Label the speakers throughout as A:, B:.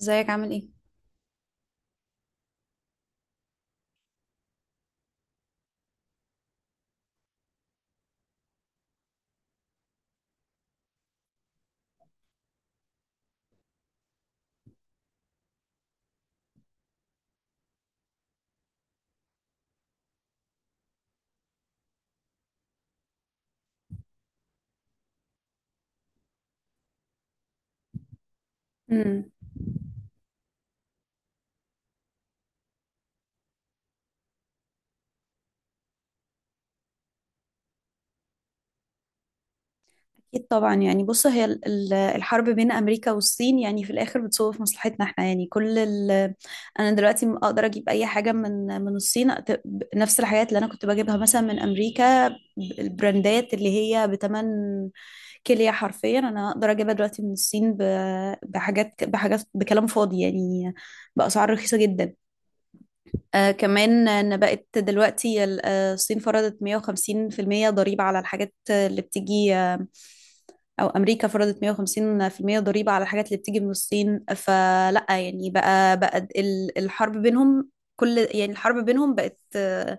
A: ازيك عامل ايه؟ امم اكيد طبعا، يعني بص، هي الحرب بين امريكا والصين يعني في الاخر بتصب في مصلحتنا احنا، يعني كل انا دلوقتي اقدر اجيب اي حاجه من الصين، نفس الحاجات اللي انا كنت بجيبها مثلا من امريكا، البراندات اللي هي بتمن كليه حرفيا انا اقدر اجيبها دلوقتي من الصين بحاجات بحاجات، بكلام فاضي يعني، باسعار رخيصه جدا. كمان ان بقت دلوقتي الصين فرضت 150% ضريبة على الحاجات اللي بتيجي، او امريكا فرضت 150% ضريبة على الحاجات اللي بتيجي من الصين. فلا يعني بقى الحرب بينهم، كل يعني الحرب بينهم بقت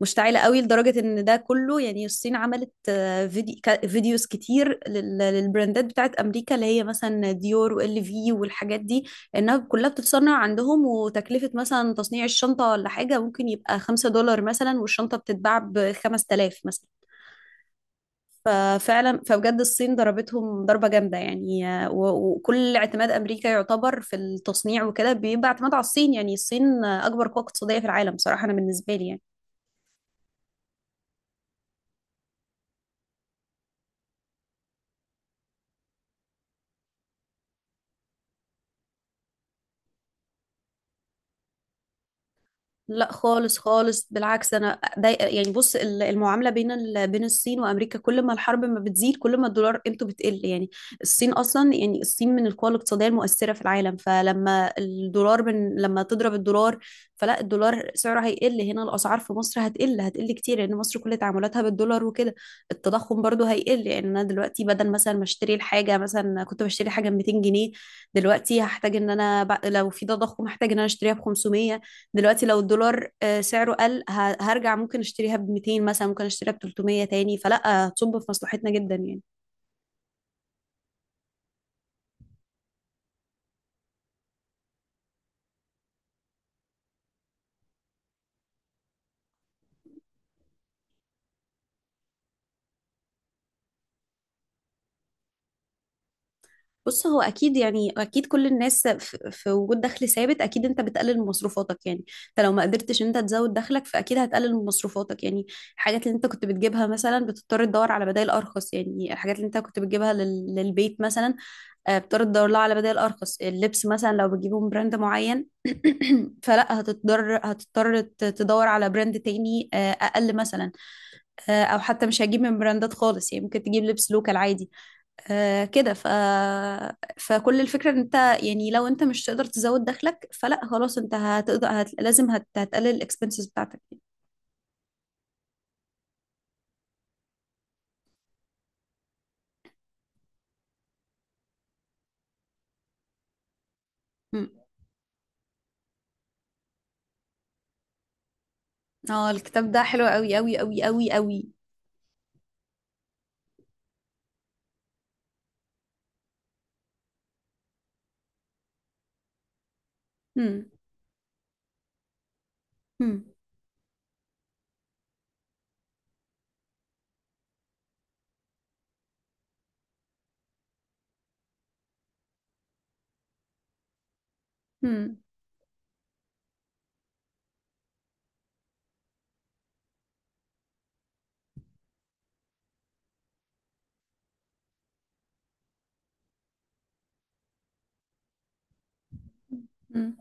A: مشتعلة قوي، لدرجة ان ده كله. يعني الصين عملت فيديوز كتير للبراندات بتاعت امريكا، اللي هي مثلا ديور وال في والحاجات دي، انها كلها بتتصنع عندهم، وتكلفة مثلا تصنيع الشنطة ولا حاجة ممكن يبقى خمسة دولار مثلا، والشنطة بتتباع بخمس تلاف مثلا. ففعلا، فبجد الصين ضربتهم ضربة جامدة يعني، وكل اعتماد أمريكا يعتبر في التصنيع وكده بيبقى اعتماد على الصين. يعني الصين أكبر قوة اقتصادية في العالم، صراحة أنا بالنسبة لي يعني. لا خالص خالص، بالعكس انا ضايقه. يعني بص، المعامله بين بين الصين وامريكا، كل ما الحرب ما بتزيد كل ما الدولار قيمته بتقل يعني. الصين اصلا، يعني الصين من القوى الاقتصاديه المؤثره في العالم. فلما الدولار لما تضرب الدولار، فلا الدولار سعره هيقل، هنا الاسعار في مصر هتقل، هتقل كتير، لان مصر كل تعاملاتها بالدولار وكده. التضخم برضو هيقل، يعني انا دلوقتي بدل مثلا ما اشتري الحاجه، مثلا كنت بشتري حاجه ب 200 جنيه، دلوقتي هحتاج ان انا لو في تضخم هحتاج ان انا اشتريها ب 500. دلوقتي لو الدولار سعره قل، هرجع ممكن اشتريها ب 200 مثلا، ممكن اشتريها ب 300 تاني، فلا هتصب في مصلحتنا جدا يعني. بص هو اكيد يعني، اكيد كل الناس في وجود دخل ثابت اكيد انت بتقلل من مصروفاتك، يعني انت لو ما قدرتش إن انت تزود دخلك فاكيد هتقلل من مصروفاتك يعني. الحاجات اللي انت كنت بتجيبها مثلا بتضطر تدور على بدائل ارخص، يعني الحاجات اللي انت كنت بتجيبها للبيت مثلا، بتضطر تدور لها على بدائل ارخص. اللبس مثلا لو بتجيبه من براند معين فلا هتضطر تدور على براند تاني اقل مثلا، او حتى مش هجيب من براندات خالص، يعني ممكن تجيب لبس لوكال عادي. آه كده ف... فكل الفكرة ان انت يعني لو انت مش تقدر تزود دخلك فلا خلاص، انت هتقدر لازم هتقلل الاكسبنسز بتاعتك يعني. مم. اه، الكتاب ده حلو قوي قوي قوي قوي قوي. مم. مم. مم. مم.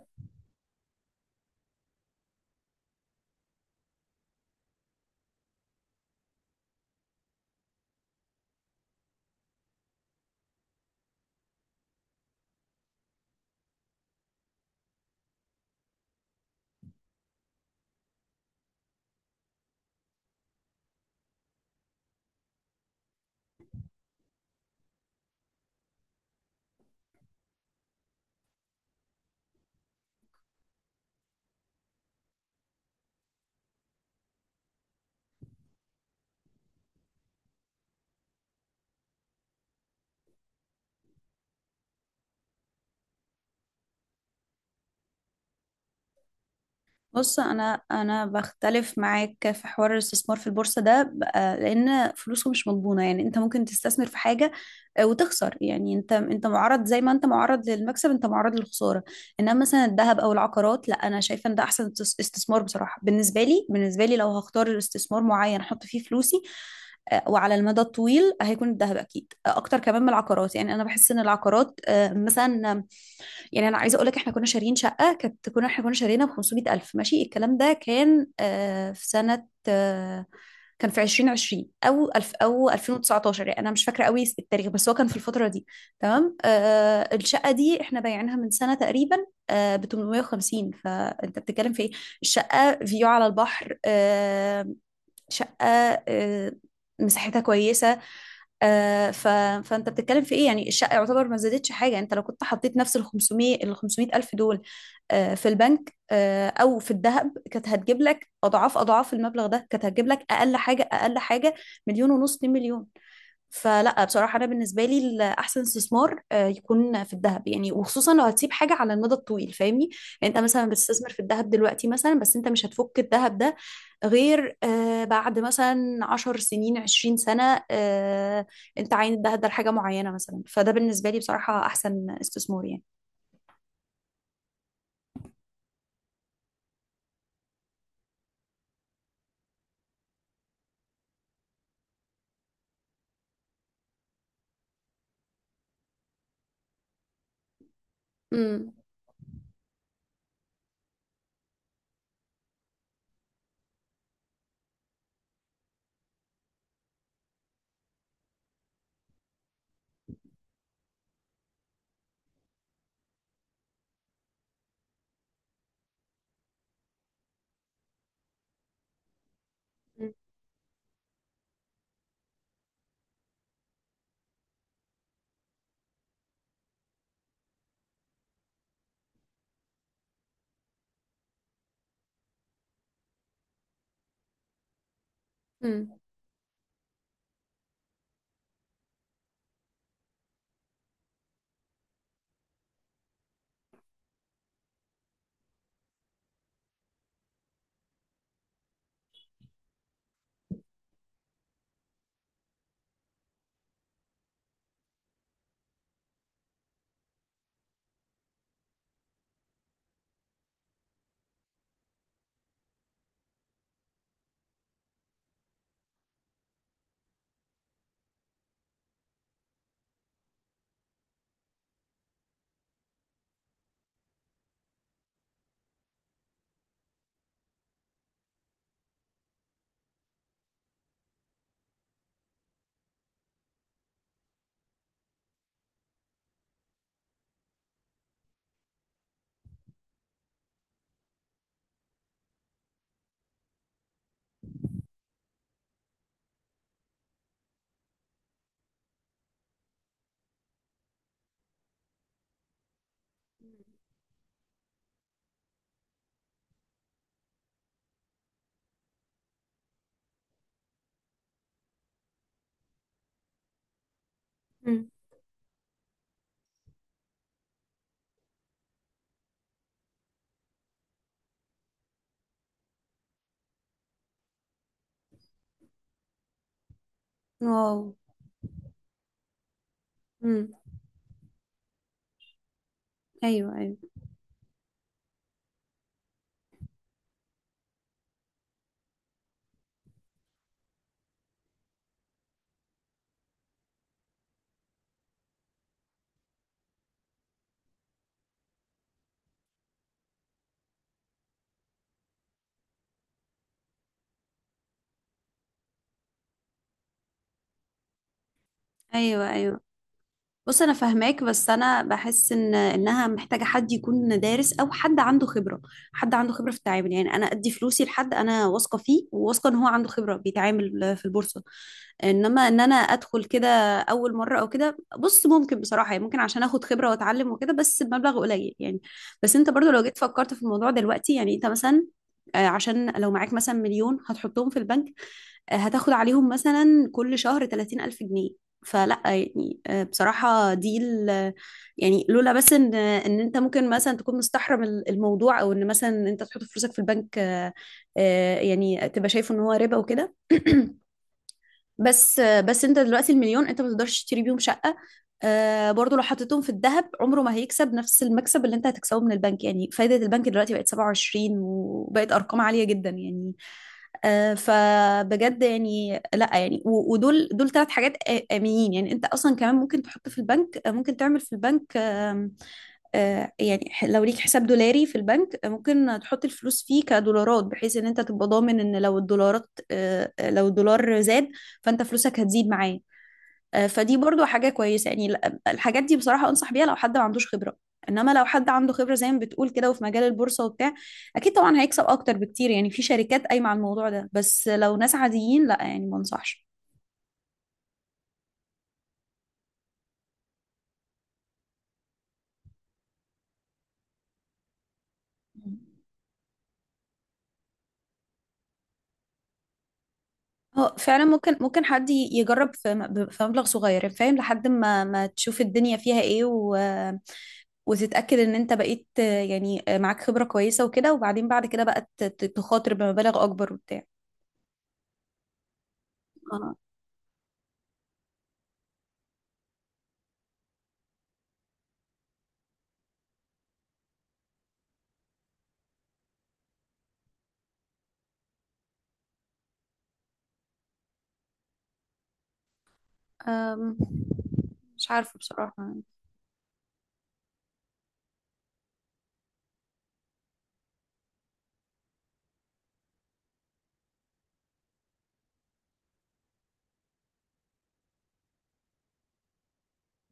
A: بص، انا بختلف معاك في حوار الاستثمار في البورصه ده بقى، لان فلوسه مش مضمونه يعني. انت ممكن تستثمر في حاجه وتخسر يعني، انت معرض، زي ما انت معرض للمكسب انت معرض للخساره. انما مثلا الذهب او العقارات، لا انا شايفه ان ده احسن استثمار بصراحه. بالنسبه لي، بالنسبه لي لو هختار استثمار معين احط فيه فلوسي وعلى المدى الطويل، هيكون الذهب اكيد اكتر كمان من العقارات. يعني انا بحس ان العقارات مثلا، يعني انا عايزه اقول لك، احنا كنا شاريين شقه، كانت كنا احنا كنا شارينا ب 500 الف. ماشي، الكلام ده كان في سنه، كان في 2020 او الف او 2019، يعني انا مش فاكره قوي التاريخ، بس هو كان في الفتره دي. تمام. الشقه دي احنا بايعينها من سنه تقريبا ب 850. فانت بتتكلم في ايه؟ الشقه فيو على البحر، شقه، آه مساحتها كويسه، آه، ف... فانت بتتكلم في ايه؟ يعني الشقه يعتبر ما زادتش حاجه. يعني انت لو كنت حطيت نفس ال 500 ال 500 الف دول في البنك او في الذهب، كانت هتجيب لك اضعاف اضعاف المبلغ ده، كانت هتجيب لك اقل حاجه، اقل حاجه مليون ونص، 2 مليون. فلا بصراحة أنا بالنسبة لي الأحسن استثمار يكون في الذهب، يعني وخصوصا لو هتسيب حاجة على المدى الطويل فاهمني. يعني أنت مثلا بتستثمر في الذهب دلوقتي مثلا، بس أنت مش هتفك الذهب ده غير بعد مثلا عشر سنين عشرين سنة، أنت عاين الذهب ده لحاجة معينة مثلا، فده بالنسبة لي بصراحة أحسن استثمار يعني. امم. امم. مم. واو. مم. أيوه، أيوه. ايوه، ايوه. بص انا فاهماك، بس انا بحس ان انها محتاجه حد يكون دارس او حد عنده خبره. حد عنده خبره في التعامل، يعني انا ادي فلوسي لحد انا واثقه فيه وواثقه ان هو عنده خبره بيتعامل في البورصه. انما ان انا ادخل كده اول مره او كده، بص ممكن بصراحه يعني، ممكن عشان اخد خبره واتعلم وكده، بس بمبلغ قليل يعني. بس انت برضو لو جيت فكرت في الموضوع دلوقتي، يعني انت مثلا عشان لو معاك مثلا مليون هتحطهم في البنك، هتاخد عليهم مثلا كل شهر 30,000 جنيه. فلا يعني بصراحة دي يعني، لولا بس ان انت ممكن مثلا تكون مستحرم الموضوع، او ان مثلا انت تحط فلوسك في البنك يعني تبقى شايف ان هو ربا وكده. بس انت دلوقتي المليون انت ما تقدرش تشتري بيهم شقة. برضو لو حطيتهم في الذهب عمره ما هيكسب نفس المكسب اللي انت هتكسبه من البنك. يعني فايدة البنك دلوقتي بقت 27 وبقت ارقام عالية جدا يعني. فبجد يعني لا يعني، ودول ثلاث حاجات آمنين، يعني انت اصلا كمان ممكن تحط في البنك ممكن تعمل في البنك آم، آه، يعني لو ليك حساب دولاري في البنك ممكن تحط الفلوس فيه كدولارات، بحيث ان انت تبقى ضامن ان لو الدولارات لو الدولار زاد فانت فلوسك هتزيد معاه. فدي برضو حاجة كويسة. يعني الحاجات دي بصراحة أنصح بيها لو حد ما عندوش خبرة. إنما لو حد عنده خبرة زي ما بتقول كده وفي مجال البورصة وبتاع، أكيد طبعا هيكسب أكتر بكتير، يعني في شركات قايمة على الموضوع ده. بس لو ناس عاديين لا يعني ما أنصحش. اه فعلا، ممكن حد يجرب في في مبلغ صغير يعني، فاهم لحد ما ما تشوف الدنيا فيها ايه وتتأكد ان انت بقيت معاك خبرة كويسة وكده، وبعدين بعد كده بقى تخاطر بمبالغ اكبر وبتاع. أم، مش عارفة بصراحة.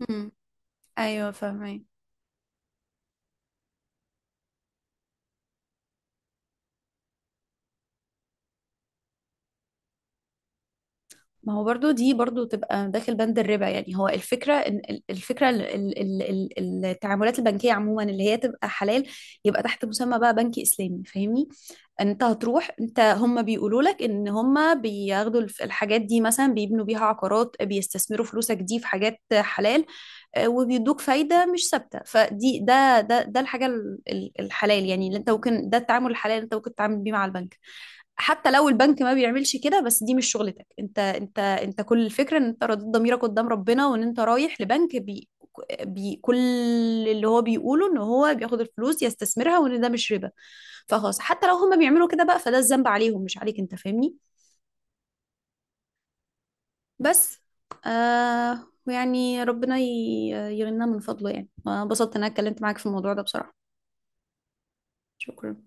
A: امم. ايوه فاهمين. ما هو برضو دي برضو تبقى داخل بند الربا. يعني هو الفكرة الفكرة التعاملات البنكية عموما اللي هي تبقى حلال، يبقى تحت مسمى بقى بنكي إسلامي فاهمني. انت هتروح انت هم بيقولوا لك ان هم بياخدوا الحاجات دي مثلا بيبنوا بيها عقارات، بيستثمروا فلوسك دي في حاجات حلال وبيدوك فايدة مش ثابتة. فدي ده الحاجة الحلال، يعني اللي انت ممكن، ده التعامل الحلال اللي انت ممكن تتعامل بيه مع البنك. حتى لو البنك ما بيعملش كده، بس دي مش شغلتك انت. انت كل الفكرة ان انت رضيت ضميرك قدام ربنا، وان انت رايح لبنك بي كل اللي هو بيقوله ان هو بياخد الفلوس يستثمرها وان ده مش ربا، فخلاص حتى لو هم بيعملوا كده بقى، فده الذنب عليهم مش عليك انت فاهمني. بس ويعني ربنا يغنينا من فضله يعني. وانبسطت ان انا اتكلمت معاك في الموضوع ده بصراحة. شكرا.